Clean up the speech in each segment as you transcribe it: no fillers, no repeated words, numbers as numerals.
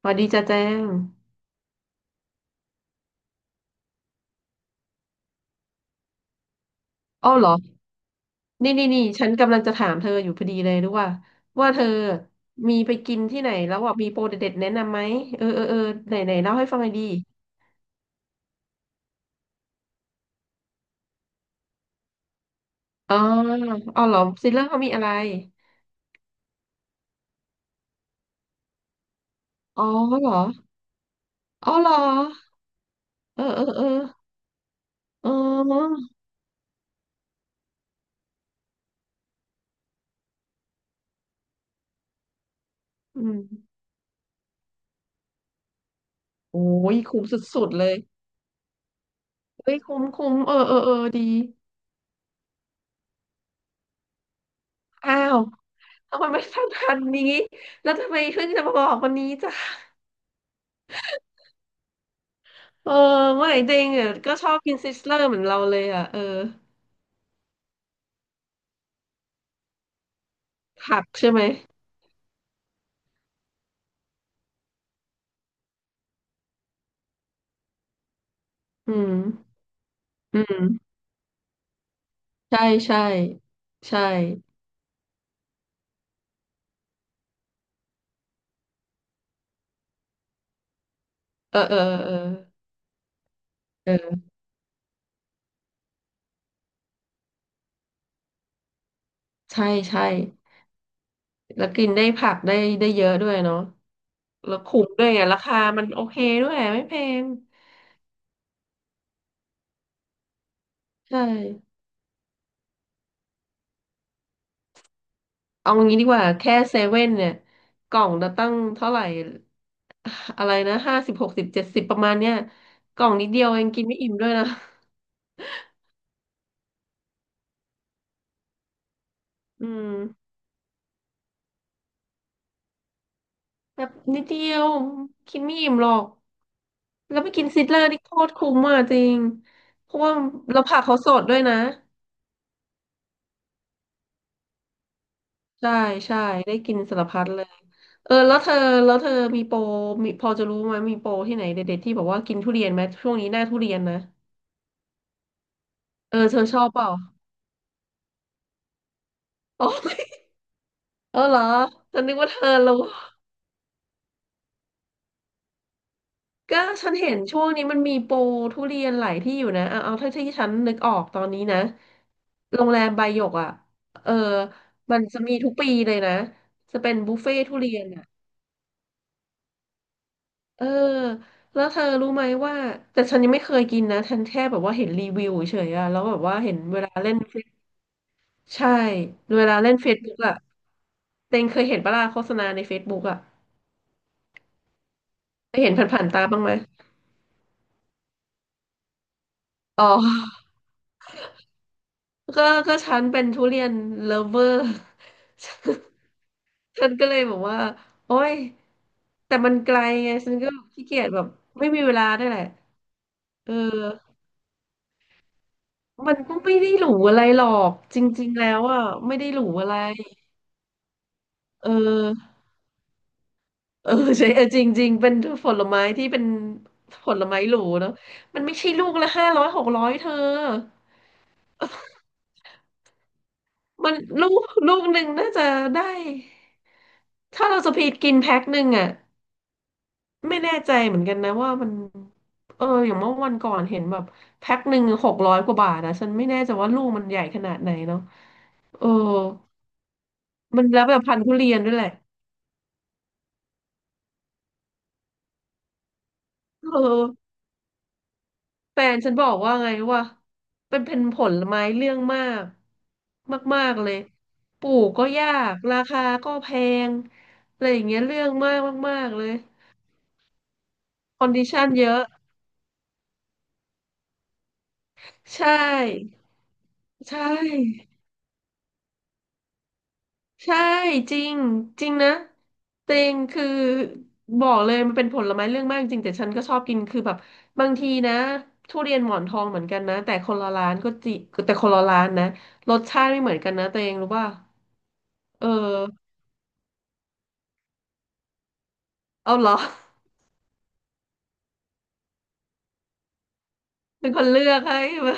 สวัสดีจ้าแจ้งอ้อเหรอนี่นี่นี่ฉันกำลังจะถามเธออยู่พอดีเลยรู้ว่าเธอมีไปกินที่ไหนแล้วอ่ะมีโปรเด็ดๆแนะนำไหมเออเออเออไหนไหนเล่าให้ฟังหน่อยดีอ๋ออ๋อเหรอซิลเลอร์เขามีอะไรอ๋อเหรออ๋อเหรอเออเออเอออ๋ออืมโอ้ยคุ้มสุดๆเลยเฮ้ยคุ้มคุ้มเออเออเออดีอ้าวทำไมไม่ทำทันนี้แล้วทำไมเพิ่งจะมาบอกวันนี้จ้ะ เออว่าไอ้เด้งอ่ะก็ชอบกินซิสเลอร์เหมือนเราเลยอ่ะเออผักใช่ไหมอืมอืมใช่ใช่ใช่เออเออเออเออใช่ใช่แล้วกินได้ผักได้ได้เยอะด้วยเนาะแล้วคุ้มด้วยไงราคามันโอเคด้วยไม่แพงใช่เอางี้ดีกว่าแค่เซเว่นเนี่ยกล่องละตั้งเท่าไหร่อะไรนะ50 60 70ประมาณเนี้ยกล่องนิดเดียวเองกินไม่อิ่มด้วยนะอืม แบบนิดเดียวกินไม่อิ่มหรอกแล้วไปกินซิตเลอร์นี่โคตรคุ้มอ่ะจริงเพราะว่าเราผักเขาสดด้วยนะใช่ใช่ได้กินสารพัดเลยเออแล้วเธอแล้วเธอมีโปรมีพอจะรู้ไหมมีโปรที่ไหนเด็ดๆที่บอกว่ากินทุเรียนไหมช่วงนี้หน้าทุเรียนนะเออเธอชอบเปล่า อ๋อเออเหรอฉันนึกว่าเธอรู้ ก็ฉันเห็นช่วงนี้มันมีโปรทุเรียนหลายที่อยู่นะเอาเอาเท่าที่ฉันนึกออกตอนนี้นะโรงแรมไบหยกอ่ะเออมันจะมีทุกปีเลยนะ จะเป็นบุฟเฟ่ทุเรียนอ่ะเออแล้วเธอรู้ไหมว่า แต่ฉันยังไม่เคยกินนะ ฉันแค่แบบว่าเห็นรีวิวเฉยๆอ่ะแล้วแบบว่าเห็นเวลาเล่น Face- ใช่เวลาเล่นเฟซบุ๊กอ่ะเต็งเคยเห็นปะล่ะโฆษณาในเฟซบุ๊กอ่ะเคยเห็นผ่านๆตาบ้างไหมอ๋อก็ฉันเป็นทุเรียนเลิฟเวอร์ ฉันก็เลยบอกว่าโอ๊ยแต่มันไกลไงฉันก็ขี้เกียจแบบไม่มีเวลาด้วยแหละเออมันก็ไม่ได้หรูอะไรหรอกจริงๆแล้วอ่ะไม่ได้หรูอะไรเออเออใช่เออจริงๆเป็นผลไม้ที่เป็นผลไม้หรูเนาะมันไม่ใช่ลูกละ500 600เธอมันลูกลูกหนึ่งน่าจะได้ถ้าเราสปีดกินแพ็คหนึ่งอ่ะ ไม่แน่ใจเหมือนกันนะว่ามันเอออย่างเมื่อวันก่อนเห็นแบบแพ็คหนึ่ง600 กว่าบาทนะฉันไม่แน่ใจว่าลูกมันใหญ่ขนาดไหนเนาะเออมันแล้วแบบพันธุ์ทุเรียนด้วยแหละเออแฟนฉันบอกว่าไงว่าเป็นผลไม้เรื่องมากมากๆเลยปลูกก็ยากราคาก็แพงอะไรอย่างเงี้ยเรื่องมากมากๆเลยคอนดิชันเยอะใช่ใช่ ใช่จริงจริงนะเตงคือบอกเลยมันเป็นผลไม้เรื่องมากจริงแต่ฉันก็ชอบกินคือแบบบางทีนะทุเรียนหมอนทองเหมือนกันนะแต่คนละร้านก็จิแต่คนละร้านนะรสชาติไม่เหมือนกันนะตัวเองรู้ป่ะเออเอาเหรอ เป็นคนเลือกให้มา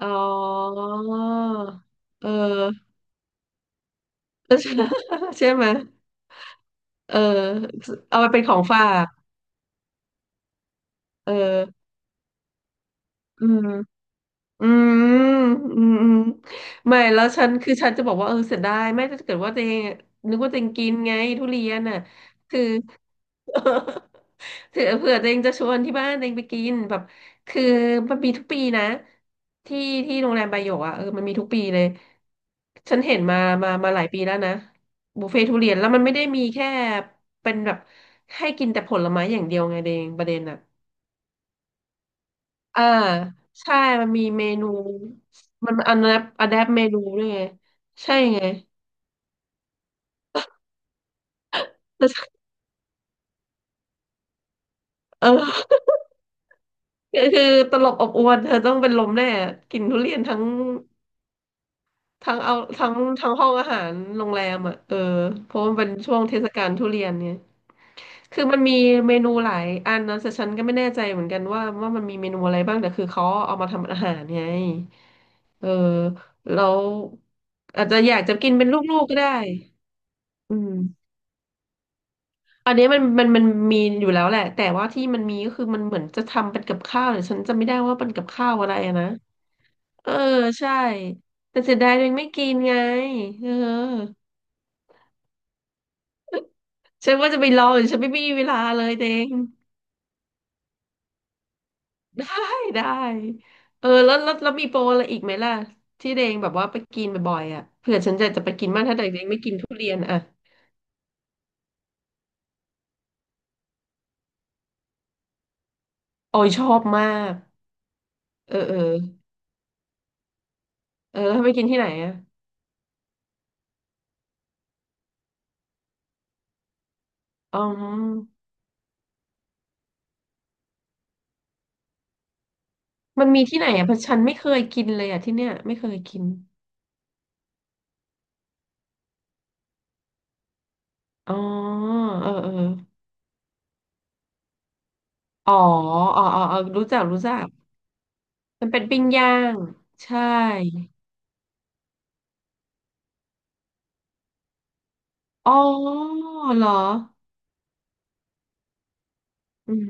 อ๋อเออ ใช่ไหมเออเอาไปเป็นของฝากเอออืม อืมอืมอืมไม่แล้วฉันคือฉันจะบอกว่าเออเสียดายไม่ถ้าเกิดว่าตัวเองอะนึกว่าตัวเองกินไงทุเรียนน่ะคือ เผื่อเผื่อตัวเองจะชวนที่บ้านตัวเองไปกินแบบคือมันมีทุกปีนะที่ที่โรงแรมบายโยกอ่ะเออมันมีทุกปีเลยฉันเห็นมามาหลายปีแล้วนะบุฟเฟ่ทุเรียนแล้วมันไม่ได้มีแค่เป็นแบบให้กินแต่ผลไม้อย่างเดียวไงเดงประเด็นอ่ะ อ่าใช่มันมีเมนูมันอันแอปอะแดปเมนูด้วยไงใช่ไง เออคือคือตลบอบอวนเธอต้องเป็นลมแน่กินทุเรียนทั้งทั้งเอาทั้งทั้งห้องอาหารโรงแรมอ่ะเออเพราะมันเป็นช่วงเทศกาลทุเรียนเนี่ยคือมันมีเมนูหลายอันนะแต่ฉันก็ไม่แน่ใจเหมือนกันว่ามันมีเมนูอะไรบ้างแต่คือเขาเอามาทำอาหารไงเออแล้วอาจจะอยากจะกินเป็นลูกๆก็ได้อืม อันนี้มันมันมีอยู่แล้วแหละแต่ว่าที่มันมีก็คือมันเหมือนจะทำเป็นกับข้าวแต่ฉันจำไม่ได้ว่าเป็นกับข้าวอะไรอะนะเออใช่แต่เสียดายยังไม่กินไงเออฉันว่าจะไปรออยู่ฉันไม่มีเวลาเลยเดง ได้ได้เออแล้วมีโปรอะไรอีกไหมล่ะที่เดงแบบว่าไปกินบ่อยๆอ่ะเผื่อฉันจะไปกินบ้างถ้าเดงไม่กินทุเรียนอ่ะออยชอบมากเออเออเออแล้วไปกินที่ไหนอ่ะอ๋อ มันมีที่ไหนอ่ะเพราะฉันไม่เคยกินเลยอ่ะที่เนี่ยไม่เคยกินอ๋อเออเอออ๋ออ๋อเออรู้จักรู้จักมันเป็นปิ้งย่างใช่อ๋อเหรออืม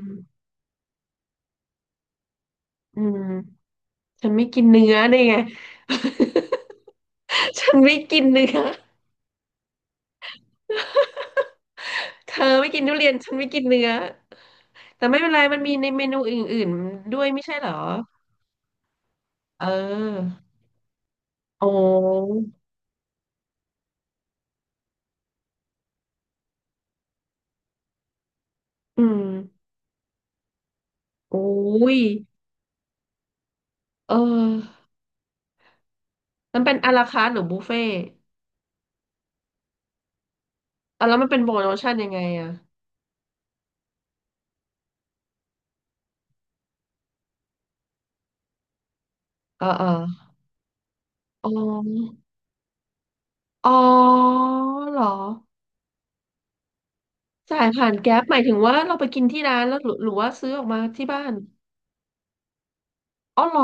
อืมฉันไม่กินเนื้อได้ไง ฉันไม่กินเนื้อเธอไม่กินทุเรียนฉันไม่กินเนื้อแต่ไม่เป็นไรมันมีในเมนูอื่นๆด้วยไม่ใช่เหรอเอออ๋ออืมโอ้ยเออมันเป็นอะลาคาร์ทหรือบุฟเฟ่ต์ อ่ะแล้วมันเป็นโปรโมชั่นยังไงอ่ะเอ่อออ๋ออ๋อเหรอจ่ายผ่านแก๊ปหมายถึงว่าเราไปกินที่ร้านแล้วหรือว่าซื้อออกมาที่บ้านอ๋อเหรอ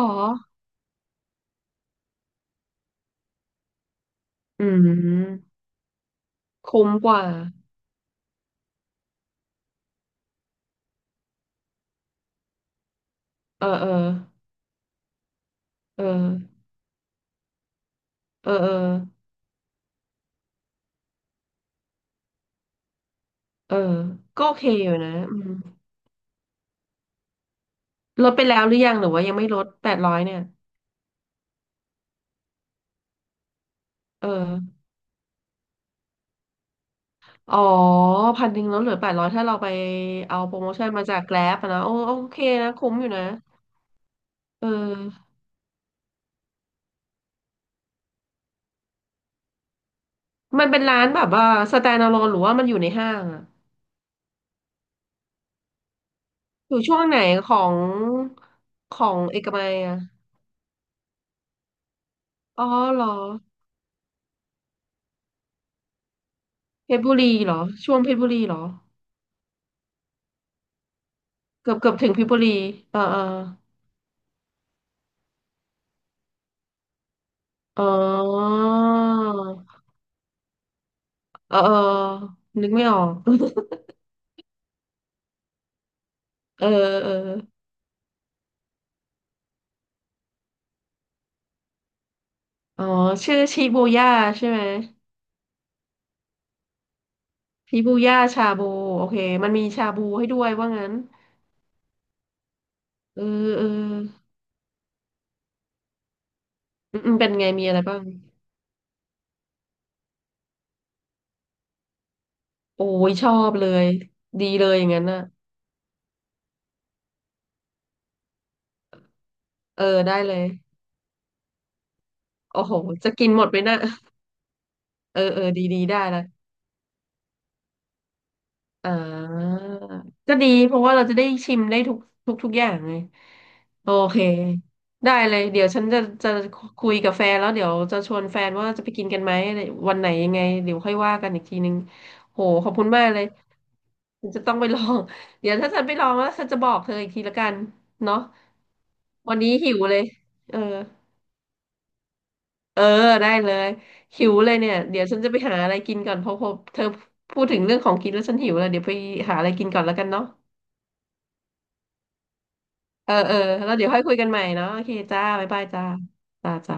อืมคุ้มกว่าเออเออเออเออเออเออก็โอเคอยู่นะอืมลดไปแล้วหรือยังหรือว่ายังไม่ลดแปดร้อยเนี่ยเอออ๋อพันหนึ่งลดเหลือแปดร้อยถ้าเราไปเอาโปรโมชั่นมาจากแกร็บนะโอ้โอเคนะคุ้มอยู่นะเออ มันเป็นร้านแบบว่า standalone หรือว่ามันอยู่ในห้างอะอยู่ช่วงไหนของของเอกมัยอะอ๋อเหรอเพชรบุรีเหรอช่วงเพชรบุรีเหรอเกือบถึงเพชรบุรีเออเอออ๋อเออเออนึกไม่ออก เออเอออ๋อชื่อชิบูย่าใช่ไหมชิบูย่าชาบูโอเคมันมีชาบูให้ด้วยว่างั้นเออเอออืมอืมเป็นไงมีอะไรบ้างโอ้ยชอบเลยดีเลยอย่างนั้นน่ะ เออได้เลยโอ้โหจะกินหมดไหมนะเออเออดีดีได้ละอ่าก็ดีเพราะว่าเราจะได้ชิมได้ทุกอย่างไงโอเคได้เลยเดี๋ยวฉันจะคุยกับแฟนแล้วเดี๋ยวจะชวนแฟนว่าจะไปกินกันไหมอะไรวันไหนยังไงเดี๋ยวค่อยว่ากันอีกทีนึงโหขอบคุณมากเลยฉันจะต้องไปลองเดี๋ยวถ้าฉันไปลองแล้วฉันจะบอกเธออีกทีละกันเนาะวันนี้หิวเลยเออ เออได้เลยหิวเลยเนี่ยเดี๋ยวฉันจะไปหาอะไรกินก่อนเพราะพอเธอพูดถึงเรื่องของกินแล้วฉันหิวเลยเดี๋ยวไปหาอะไรกินก่อนแล้วกันเนาะเออเออแล้วเดี๋ยวค่อยคุยกันใหม่เนาะโอเคจ้าบ๊ายบายจ้าจ้าจ้า